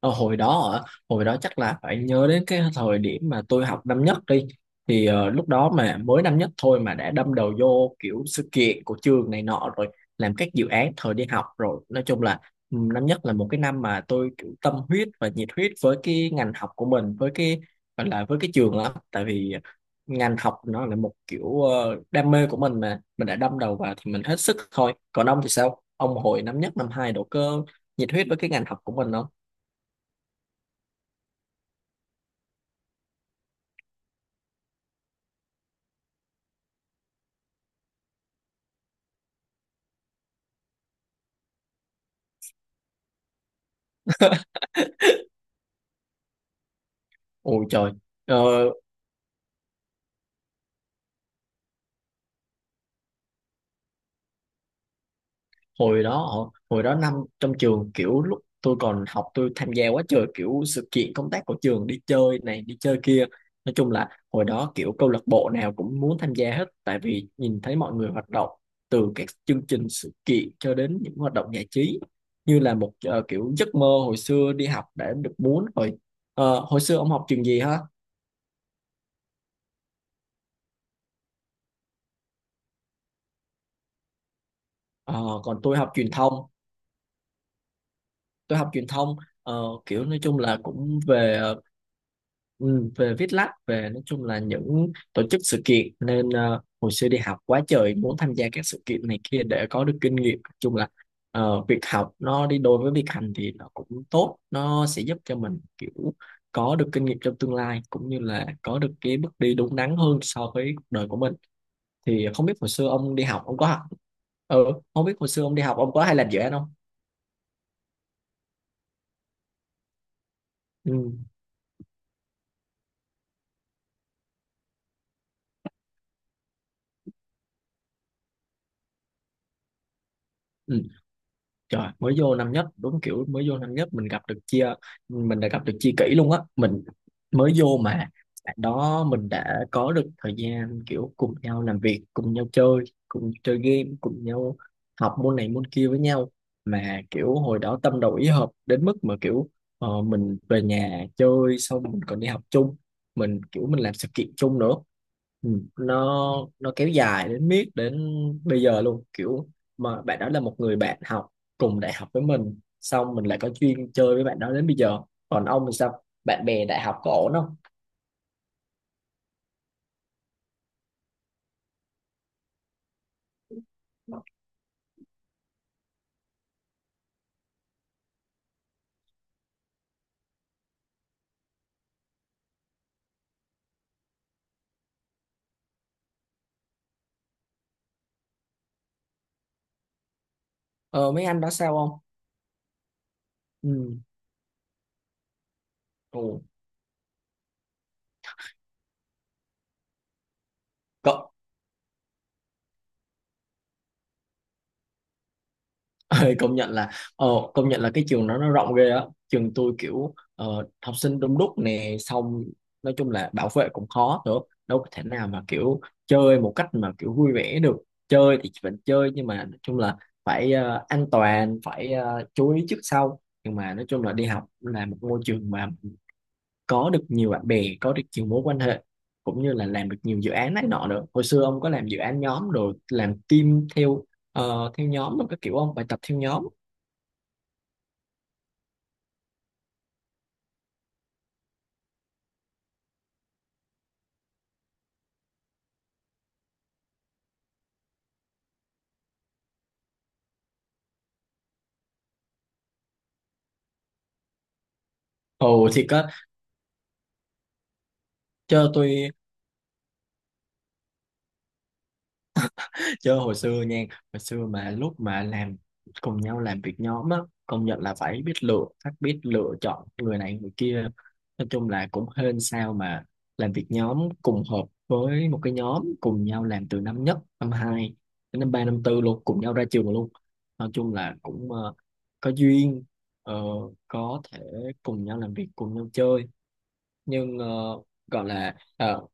Ờ, Hồi đó hả? Hồi đó chắc là phải nhớ đến cái thời điểm mà tôi học năm nhất đi thì lúc đó mà mới năm nhất thôi mà đã đâm đầu vô kiểu sự kiện của trường này nọ rồi, làm các dự án thời đi học rồi. Nói chung là năm nhất là một cái năm mà tôi kiểu tâm huyết và nhiệt huyết với cái ngành học của mình, với cái gọi là với cái trường lắm. Tại vì ngành học nó là một kiểu đam mê của mình mà mình đã đâm đầu vào thì mình hết sức thôi. Còn ông thì sao, ông hồi năm nhất năm hai độ cơ, nhiệt huyết với cái ngành học của mình không? Ôi trời, ờ, hồi đó năm, trong trường kiểu lúc tôi còn học tôi tham gia quá trời kiểu sự kiện công tác của trường, đi chơi này đi chơi kia. Nói chung là hồi đó kiểu câu lạc bộ nào cũng muốn tham gia hết, tại vì nhìn thấy mọi người hoạt động từ các chương trình sự kiện cho đến những hoạt động giải trí như là một kiểu giấc mơ hồi xưa đi học đã được muốn rồi. Ờ, hồi xưa ông học trường gì hả? Ờ, còn tôi học truyền thông, tôi học truyền thông. Kiểu nói chung là cũng về ừ, về viết lách, về nói chung là những tổ chức sự kiện nên hồi xưa đi học quá trời muốn tham gia các sự kiện này kia để có được kinh nghiệm. Nói chung là việc học nó đi đôi với việc hành thì nó cũng tốt, nó sẽ giúp cho mình kiểu có được kinh nghiệm trong tương lai, cũng như là có được cái bước đi đúng đắn hơn so với cuộc đời của mình. Thì không biết hồi xưa ông đi học ông có học, ừ, không biết hồi xưa ông đi học ông có hay làm dự án không. Ừ. Ừ. Trời, mới vô năm nhất, đúng kiểu mới vô năm nhất mình gặp được chia, mình đã gặp được chia kỷ luôn á. Mình mới vô mà bạn đó mình đã có được thời gian kiểu cùng nhau làm việc, cùng nhau chơi, cùng chơi game, cùng nhau học môn này môn kia với nhau. Mà kiểu hồi đó tâm đầu ý hợp đến mức mà kiểu mình về nhà chơi xong mình còn đi học chung, mình kiểu mình làm sự kiện chung nữa. Ừ, nó kéo dài đến miết đến bây giờ luôn, kiểu mà bạn đó là một người bạn học cùng đại học với mình, xong mình lại có duyên chơi với bạn đó đến bây giờ. Còn ông thì sao, bạn bè đại học có ổn không? Ờ mấy anh đó sao không. Ừ. Ồ. cộng Công nhận là ờ công nhận là cái trường nó rộng ghê á, trường tôi kiểu học sinh đông đúc nè, xong nói chung là bảo vệ cũng khó nữa, đâu có thể nào mà kiểu chơi một cách mà kiểu vui vẻ được. Chơi thì vẫn chơi nhưng mà nói chung là phải an toàn, phải chú ý trước sau, nhưng mà nói chung là đi học là một môi trường mà có được nhiều bạn bè, có được nhiều mối quan hệ, cũng như là làm được nhiều dự án này nọ nữa. Hồi xưa ông có làm dự án nhóm rồi làm team theo theo nhóm rồi các kiểu không, bài tập theo nhóm? Ồ thì có. Cho tôi, chứ hồi xưa nha, hồi xưa mà lúc mà làm cùng nhau làm việc nhóm á, công nhận là phải biết lựa, phải biết lựa chọn người này người kia. Nói chung là cũng hên sao mà làm việc nhóm cùng hợp với một cái nhóm, cùng nhau làm từ năm nhất năm hai đến năm ba năm tư luôn, cùng nhau ra trường luôn. Nói chung là cũng có duyên, ờ, có thể cùng nhau làm việc, cùng nhau chơi, nhưng gọi là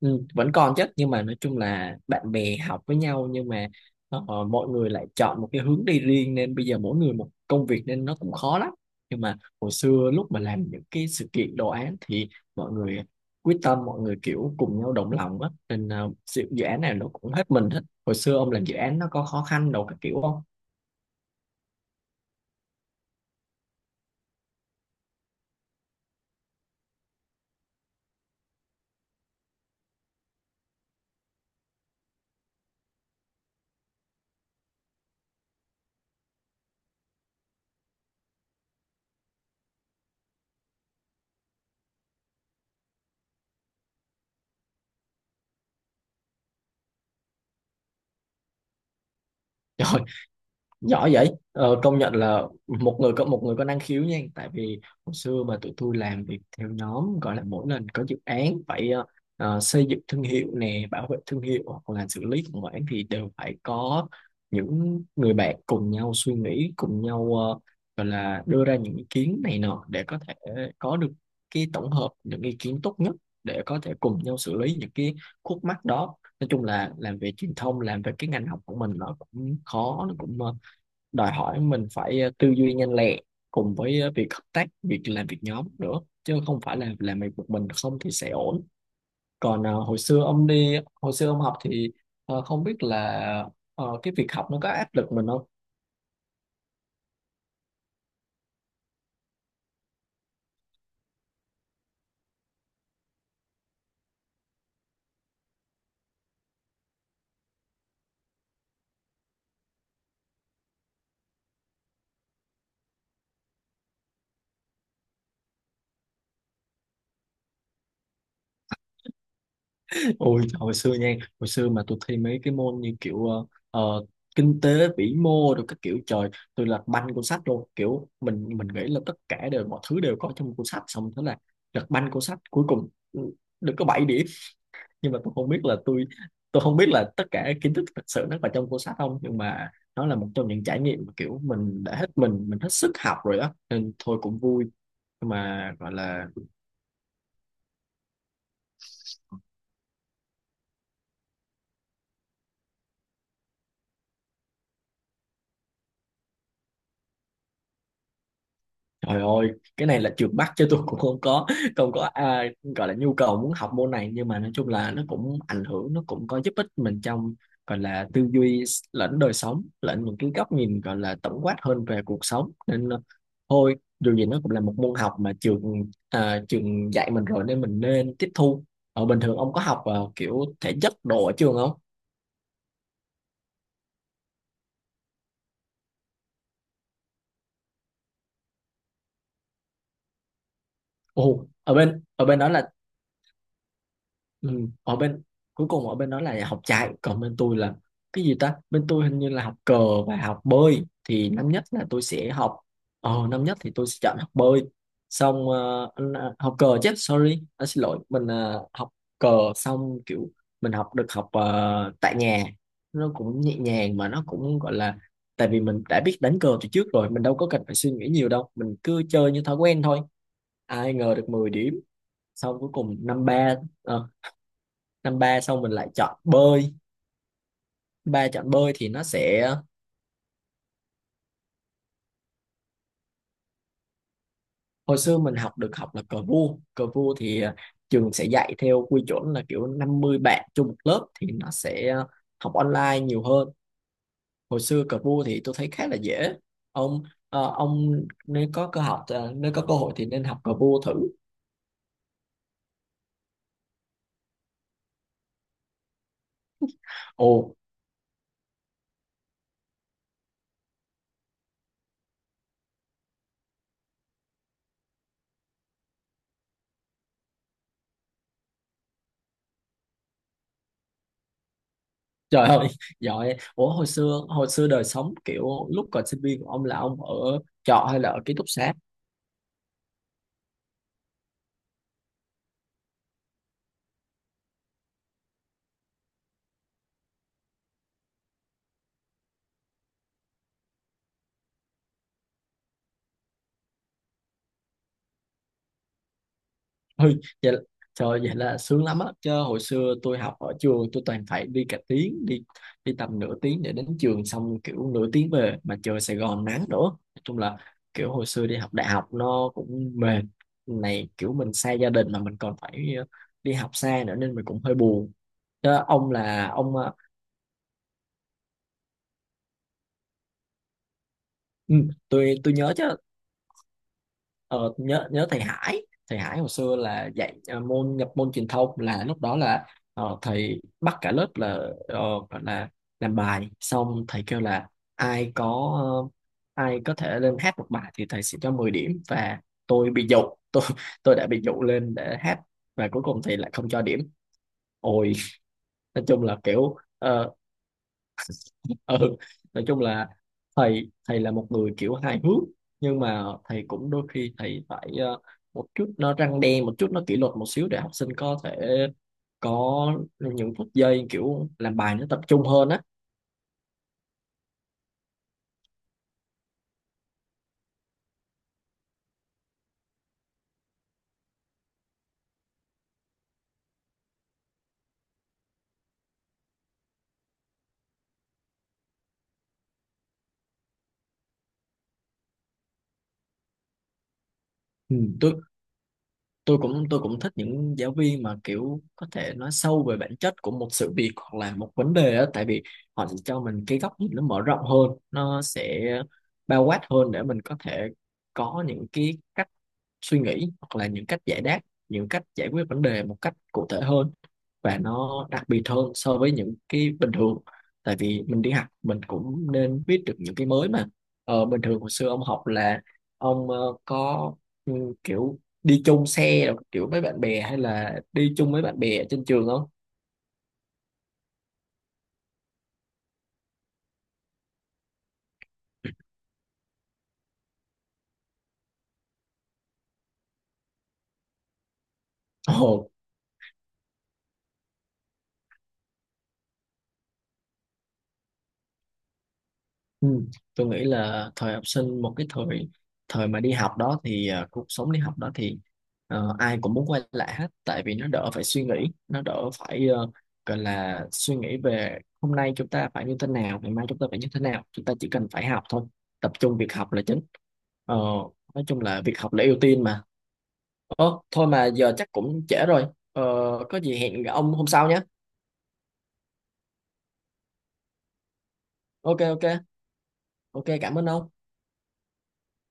ừ, vẫn còn chứ, nhưng mà nói chung là bạn bè học với nhau nhưng mà mọi người lại chọn một cái hướng đi riêng nên bây giờ mỗi người một công việc nên nó cũng khó lắm. Nhưng mà hồi xưa lúc mà làm những cái sự kiện đồ án thì mọi người quyết tâm, mọi người kiểu cùng nhau đồng lòng á, nên ờ, dự dự án này nó cũng hết mình hết. Hồi xưa ông làm dự án nó có khó khăn đâu các kiểu không? Trời, giỏi vậy. Ờ, Công nhận là một người có năng khiếu nha, tại vì hồi xưa mà tụi tôi làm việc theo nhóm gọi là mỗi lần có dự án phải xây dựng thương hiệu nè, bảo vệ thương hiệu hoặc là xử lý khủng hoảng thì đều phải có những người bạn cùng nhau suy nghĩ, cùng nhau gọi là đưa ra những ý kiến này nọ để có thể có được cái tổng hợp những ý kiến tốt nhất, để có thể cùng nhau xử lý những cái khúc mắc đó. Nói chung là làm về truyền thông, làm về cái ngành học của mình nó cũng khó, nó cũng đòi hỏi mình phải tư duy nhanh lẹ cùng với việc hợp tác, việc làm việc nhóm nữa, chứ không phải là làm việc một mình không thì sẽ ổn. Còn hồi xưa ông đi, hồi xưa ông học thì không biết là cái việc học nó có áp lực mình không? Ôi, hồi xưa nha, hồi xưa mà tôi thi mấy cái môn như kiểu ờ, kinh tế vĩ mô rồi các kiểu, trời, tôi lật banh cuốn sách luôn, kiểu mình nghĩ là tất cả đều, mọi thứ đều có trong cuốn sách, xong thế là lật banh cuốn sách, cuối cùng được có 7 điểm. Nhưng mà tôi không biết là tôi không biết là tất cả kiến thức thực sự nó có trong cuốn sách không, nhưng mà nó là một trong những trải nghiệm mà kiểu mình đã hết mình hết sức học rồi đó nên thôi cũng vui. Nhưng mà gọi là, trời ơi, cái này là trượt bắt chứ tôi cũng không có, không có gọi là nhu cầu muốn học môn này, nhưng mà nói chung là nó cũng ảnh hưởng, nó cũng có giúp ích mình trong gọi là tư duy lẫn đời sống lẫn những cái góc nhìn gọi là tổng quát hơn về cuộc sống, nên thôi dù gì nó cũng là một môn học mà trường dạy mình rồi nên mình nên tiếp thu. Ở bình thường ông có học kiểu thể chất đồ ở trường không? Ồ, ở bên đó là, ừ. Ở bên cuối cùng ở bên đó là học chạy, còn bên tôi là cái gì ta, bên tôi hình như là học cờ và học bơi. Thì năm nhất là tôi sẽ học, năm nhất thì tôi sẽ chọn học bơi, xong học cờ chứ, sorry à, xin lỗi, mình học cờ, xong kiểu mình học được, học tại nhà, nó cũng nhẹ nhàng mà nó cũng gọi là, tại vì mình đã biết đánh cờ từ trước rồi mình đâu có cần phải suy nghĩ nhiều đâu, mình cứ chơi như thói quen thôi, ai ngờ được 10 điểm. Xong cuối cùng năm ba, ờ, năm ba xong mình lại chọn bơi, ba chọn bơi thì nó sẽ, hồi xưa mình học được học là cờ vua. Cờ vua thì trường sẽ dạy theo quy chuẩn là kiểu 50 bạn chung một lớp thì nó sẽ học online nhiều hơn. Hồi xưa cờ vua thì tôi thấy khá là dễ. Ông ờ, ông nếu có nếu có cơ hội thì nên học cờ vua thử. Ồ. Trời ơi, giỏi, ủa hồi xưa, hồi xưa đời sống kiểu lúc còn sinh viên của ông là ông ở trọ hay là ở ký túc xá? Ôi, vậy là, trời vậy là sướng lắm á, chứ hồi xưa tôi học ở trường tôi toàn phải đi cả tiếng, đi đi tầm nửa tiếng để đến trường, xong kiểu nửa tiếng về, mà trời Sài Gòn nắng nữa, nói chung là kiểu hồi xưa đi học đại học nó cũng mệt. Này kiểu mình xa gia đình mà mình còn phải đi học xa nữa nên mình cũng hơi buồn. Chứ ông là ông ừ, tôi nhớ chứ. Ờ, nhớ nhớ thầy Hải, thầy Hải hồi xưa là dạy môn nhập môn truyền thông, là lúc đó là thầy bắt cả lớp là ờ, gọi là làm bài xong thầy kêu là ai có, ờ, ai có thể lên hát một bài thì thầy sẽ cho 10 điểm, và tôi bị dụ tôi tôi đã bị dụ lên để hát và cuối cùng thầy lại không cho điểm. Ôi, nói chung là kiểu ừ nói chung là thầy thầy là một người kiểu hài hước, nhưng mà thầy cũng đôi khi thầy phải một chút nó răng đe, một chút nó kỷ luật một xíu để học sinh có thể có những phút giây kiểu làm bài nó tập trung hơn á. Ừ. tôi tôi cũng thích những giáo viên mà kiểu có thể nói sâu về bản chất của một sự việc hoặc là một vấn đề á, tại vì họ sẽ cho mình cái góc nhìn nó mở rộng hơn, nó sẽ bao quát hơn để mình có thể có những cái cách suy nghĩ hoặc là những cách giải đáp, những cách giải quyết vấn đề một cách cụ thể hơn và nó đặc biệt hơn so với những cái bình thường. Tại vì mình đi học mình cũng nên biết được những cái mới mà bình thường. Hồi xưa ông học là ông có ừ, kiểu đi chung xe rồi, kiểu với bạn bè hay là đi chung với bạn bè ở trên trường không? Ồ. Ừ. Tôi nghĩ là thời học sinh, một cái thời, thời mà đi học đó thì cuộc sống đi học đó thì ai cũng muốn quay lại hết, tại vì nó đỡ phải suy nghĩ, nó đỡ phải gọi là suy nghĩ về hôm nay chúng ta phải như thế nào, ngày mai chúng ta phải như thế nào. Chúng ta chỉ cần phải học thôi, tập trung việc học là chính. Ờ, nói chung là việc học là ưu tiên mà. Ồ, thôi mà giờ chắc cũng trễ rồi. Ờ, có gì hẹn ông hôm sau nhé. Ok, ok. Ok, cảm ơn ông.